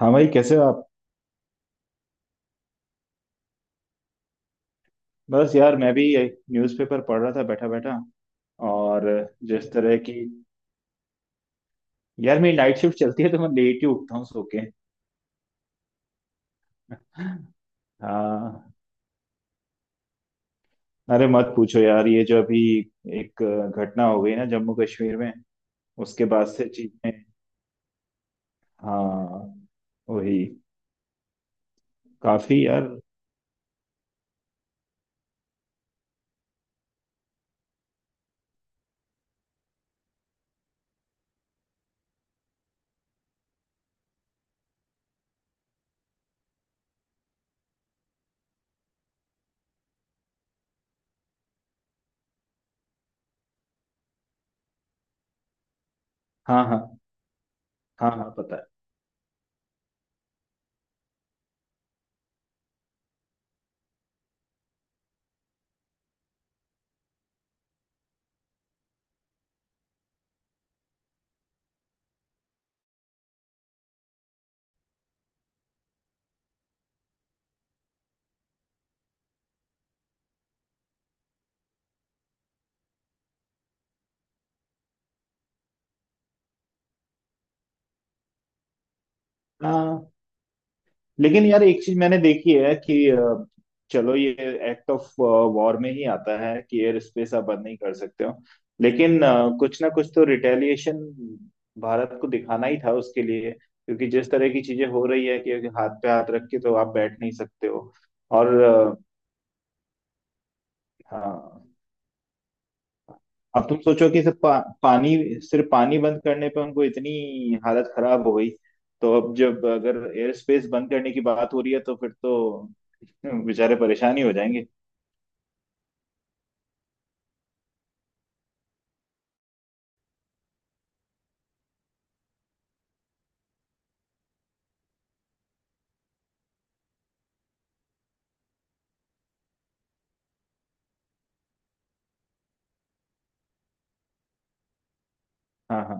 हाँ भाई, कैसे हो आप? बस यार, मैं भी न्यूज़पेपर पढ़ रहा था बैठा बैठा। और जिस तरह की। यार, मेरी नाइट शिफ्ट चलती है तो मैं लेट ही उठता हूँ सो के। हाँ। अरे मत पूछो यार, ये जो अभी एक घटना हो गई ना जम्मू कश्मीर में। उसके बाद से चीजें। हाँ। वही। काफी यार। हाँ, हाँ। हाँ, हाँ, पता है। हाँ। लेकिन यार, एक चीज मैंने देखी है कि चलो, ये एक्ट ऑफ वॉर में ही आता है कि एयर स्पेस आप बंद नहीं कर सकते हो। लेकिन कुछ ना कुछ तो रिटेलिएशन भारत को दिखाना ही था उसके लिए, क्योंकि जिस तरह की चीजें हो रही है कि हाथ पे हाथ रख के तो आप बैठ नहीं सकते हो। और हाँ। अब तुम सोचो कि सिर्फ पानी, सिर्फ पानी बंद करने पे उनको इतनी हालत खराब हो गई। तो अब जब अगर एयर स्पेस बंद करने की बात हो रही है तो फिर तो बेचारे परेशान ही हो जाएंगे। हाँ, हाँ।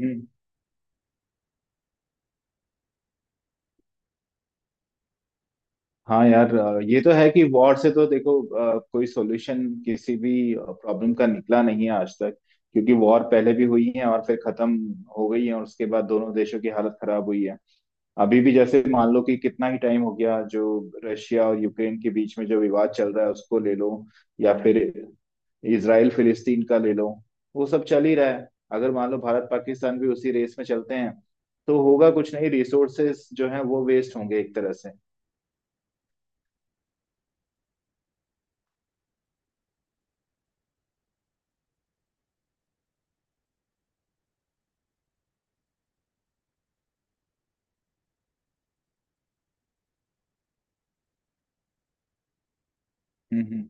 हम्म। हाँ यार, ये तो है कि वॉर से तो देखो, कोई सॉल्यूशन किसी भी प्रॉब्लम का निकला नहीं है आज तक। क्योंकि वॉर पहले भी हुई है और फिर खत्म हो गई है, और उसके बाद दोनों देशों की हालत खराब हुई है। अभी भी जैसे मान लो कि कितना ही टाइम हो गया, जो रशिया और यूक्रेन के बीच में जो विवाद चल रहा है उसको ले लो। या फिर इसराइल फिलिस्तीन का ले लो। वो सब चल ही रहा है। अगर मान लो भारत पाकिस्तान भी उसी रेस में चलते हैं तो होगा कुछ नहीं, रिसोर्सेस जो है वो वेस्ट होंगे एक तरह से। हम्म, हम्म,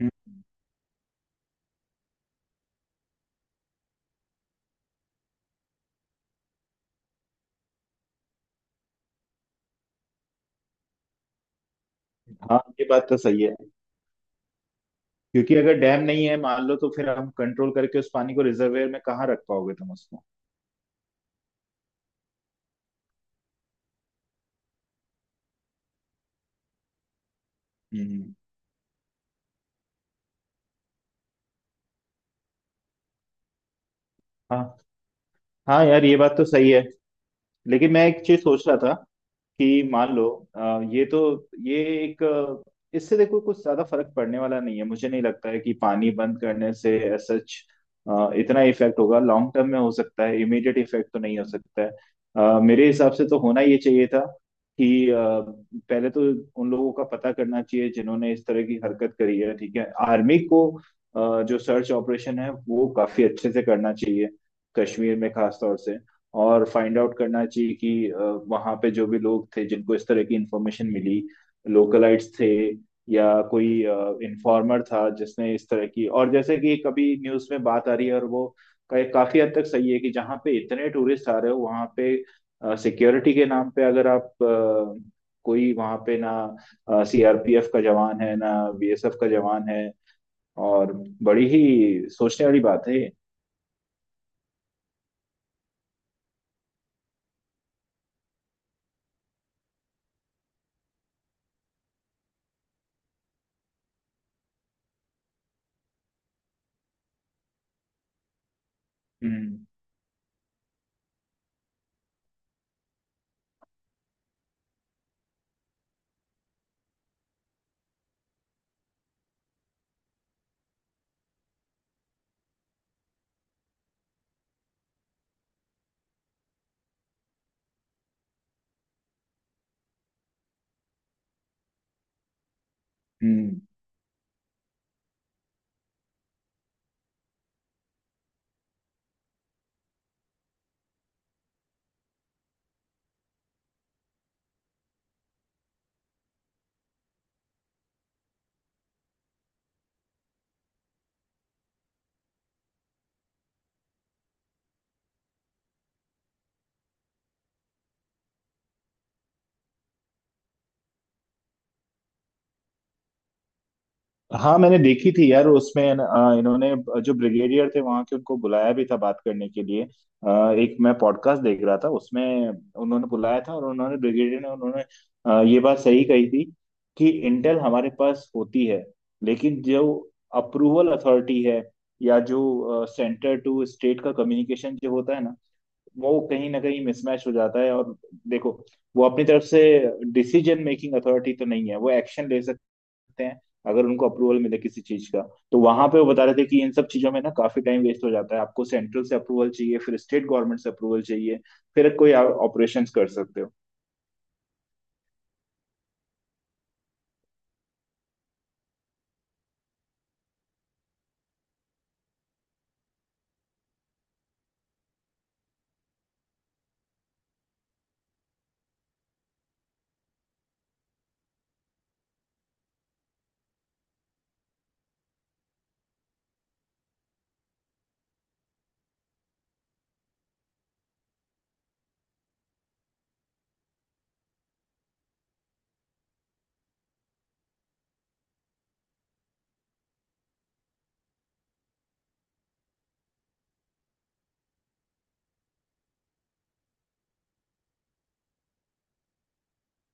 हम्म। हाँ, ये बात तो सही है। क्योंकि अगर डैम नहीं है मान लो, तो फिर हम कंट्रोल करके उस पानी को रिजर्वेयर में कहाँ रख पाओगे तुम उसको? हम्म। हाँ हाँ यार, ये बात तो सही है। लेकिन मैं एक चीज सोच रहा था कि मान लो, ये तो, ये एक, इससे देखो कुछ ज्यादा फर्क पड़ने वाला नहीं है, मुझे नहीं लगता है कि पानी बंद करने से सच इतना इफेक्ट होगा। लॉन्ग टर्म में हो सकता है, इमीडिएट इफेक्ट तो नहीं हो सकता है। मेरे हिसाब से तो होना ये चाहिए था कि पहले तो उन लोगों का पता करना चाहिए जिन्होंने इस तरह की हरकत करी है। ठीक है, आर्मी को जो सर्च ऑपरेशन है वो काफी अच्छे से करना चाहिए, कश्मीर में खास तौर से। और फाइंड आउट करना चाहिए कि वहाँ पे जो भी लोग थे जिनको इस तरह की इंफॉर्मेशन मिली, लोकलाइट्स थे या कोई इन्फॉर्मर था जिसने इस तरह की। और जैसे कि कभी न्यूज़ में बात आ रही है और वो काफी हद तक सही है कि जहाँ पे इतने टूरिस्ट आ रहे हो वहाँ पे सिक्योरिटी के नाम पे अगर आप कोई वहाँ पे ना सीआरपीएफ का जवान है ना बीएसएफ का जवान है। और बड़ी ही सोचने वाली बात है ये। हम्म, हम्म। हाँ, मैंने देखी थी यार। उसमें इन्होंने जो ब्रिगेडियर थे वहां के उनको बुलाया भी था बात करने के लिए, एक मैं पॉडकास्ट देख रहा था उसमें, उन्होंने बुलाया था। और उन्होंने ब्रिगेडियर ने उन्होंने ये बात सही कही थी कि इंटेल हमारे पास होती है, लेकिन जो अप्रूवल अथॉरिटी है या जो सेंटर टू स्टेट का कम्युनिकेशन जो होता है ना, वो कहीं ना कहीं मिसमैच हो जाता है। और देखो, वो अपनी तरफ से डिसीजन मेकिंग अथॉरिटी तो नहीं है, वो एक्शन ले सकती सकते हैं अगर उनको अप्रूवल मिले किसी चीज का। तो वहां पे वो बता रहे थे कि इन सब चीजों में ना काफी टाइम वेस्ट हो जाता है, आपको सेंट्रल से अप्रूवल चाहिए फिर स्टेट गवर्नमेंट से अप्रूवल चाहिए फिर कोई ऑपरेशन कर सकते हो।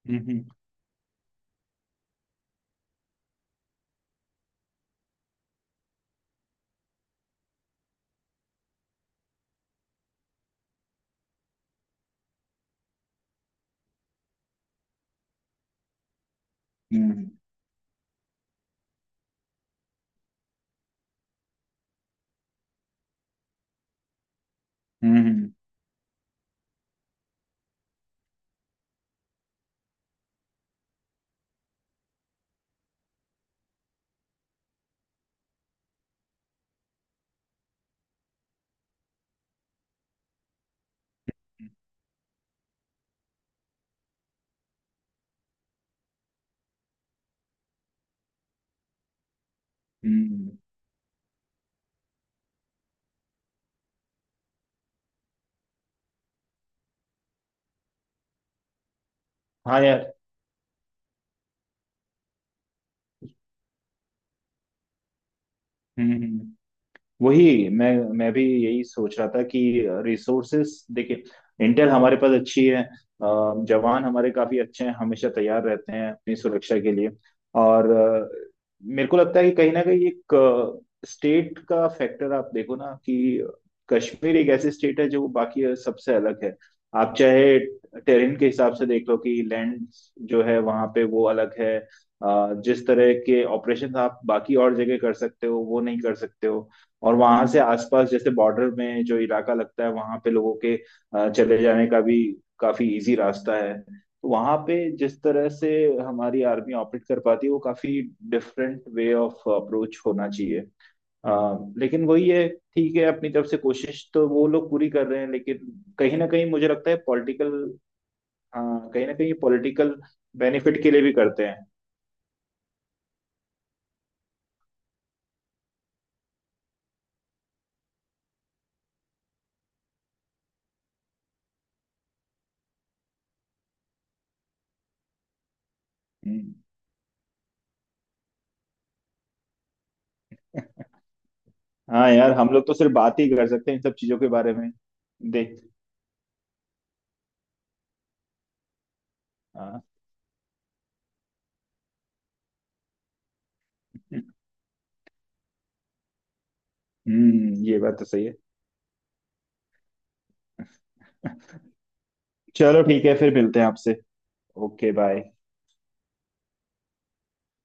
हम्म, हम्म, हम्म, हम्म, हम्म, हम्म। हाँ यार। हम्म, हम्म। वही, मैं भी यही सोच रहा था कि रिसोर्सेस देखिए, इंटेल हमारे पास अच्छी है, जवान हमारे काफी अच्छे हैं, हमेशा तैयार रहते हैं अपनी सुरक्षा के लिए। और मेरे को लगता है कि कहीं ना कहीं एक स्टेट का फैक्टर। आप देखो ना कि कश्मीर एक ऐसी स्टेट है जो बाकी सबसे अलग है। आप चाहे टेरेन के हिसाब से देख लो कि लैंड जो है वहां पे वो अलग है, जिस तरह के ऑपरेशन आप बाकी और जगह कर सकते हो वो नहीं कर सकते हो। और वहां से आसपास जैसे बॉर्डर में जो इलाका लगता है वहां पे लोगों के चले जाने का भी काफी इजी रास्ता है, तो वहां पे जिस तरह से हमारी आर्मी ऑपरेट कर पाती है, वो काफी डिफरेंट वे ऑफ अप्रोच होना चाहिए। अ, लेकिन वही है, ठीक है, अपनी तरफ से कोशिश तो वो लोग पूरी कर रहे हैं, लेकिन कहीं ना कहीं मुझे लगता है पॉलिटिकल। हाँ, कहीं ना कहीं पॉलिटिकल बेनिफिट के लिए भी करते हैं। हम्म। हाँ यार, हम लोग तो सिर्फ बात ही कर सकते हैं इन सब चीजों के बारे में। देख। हाँ। हम्म, ये बात तो सही है। चलो, ठीक है, फिर मिलते हैं आपसे। Okay bye.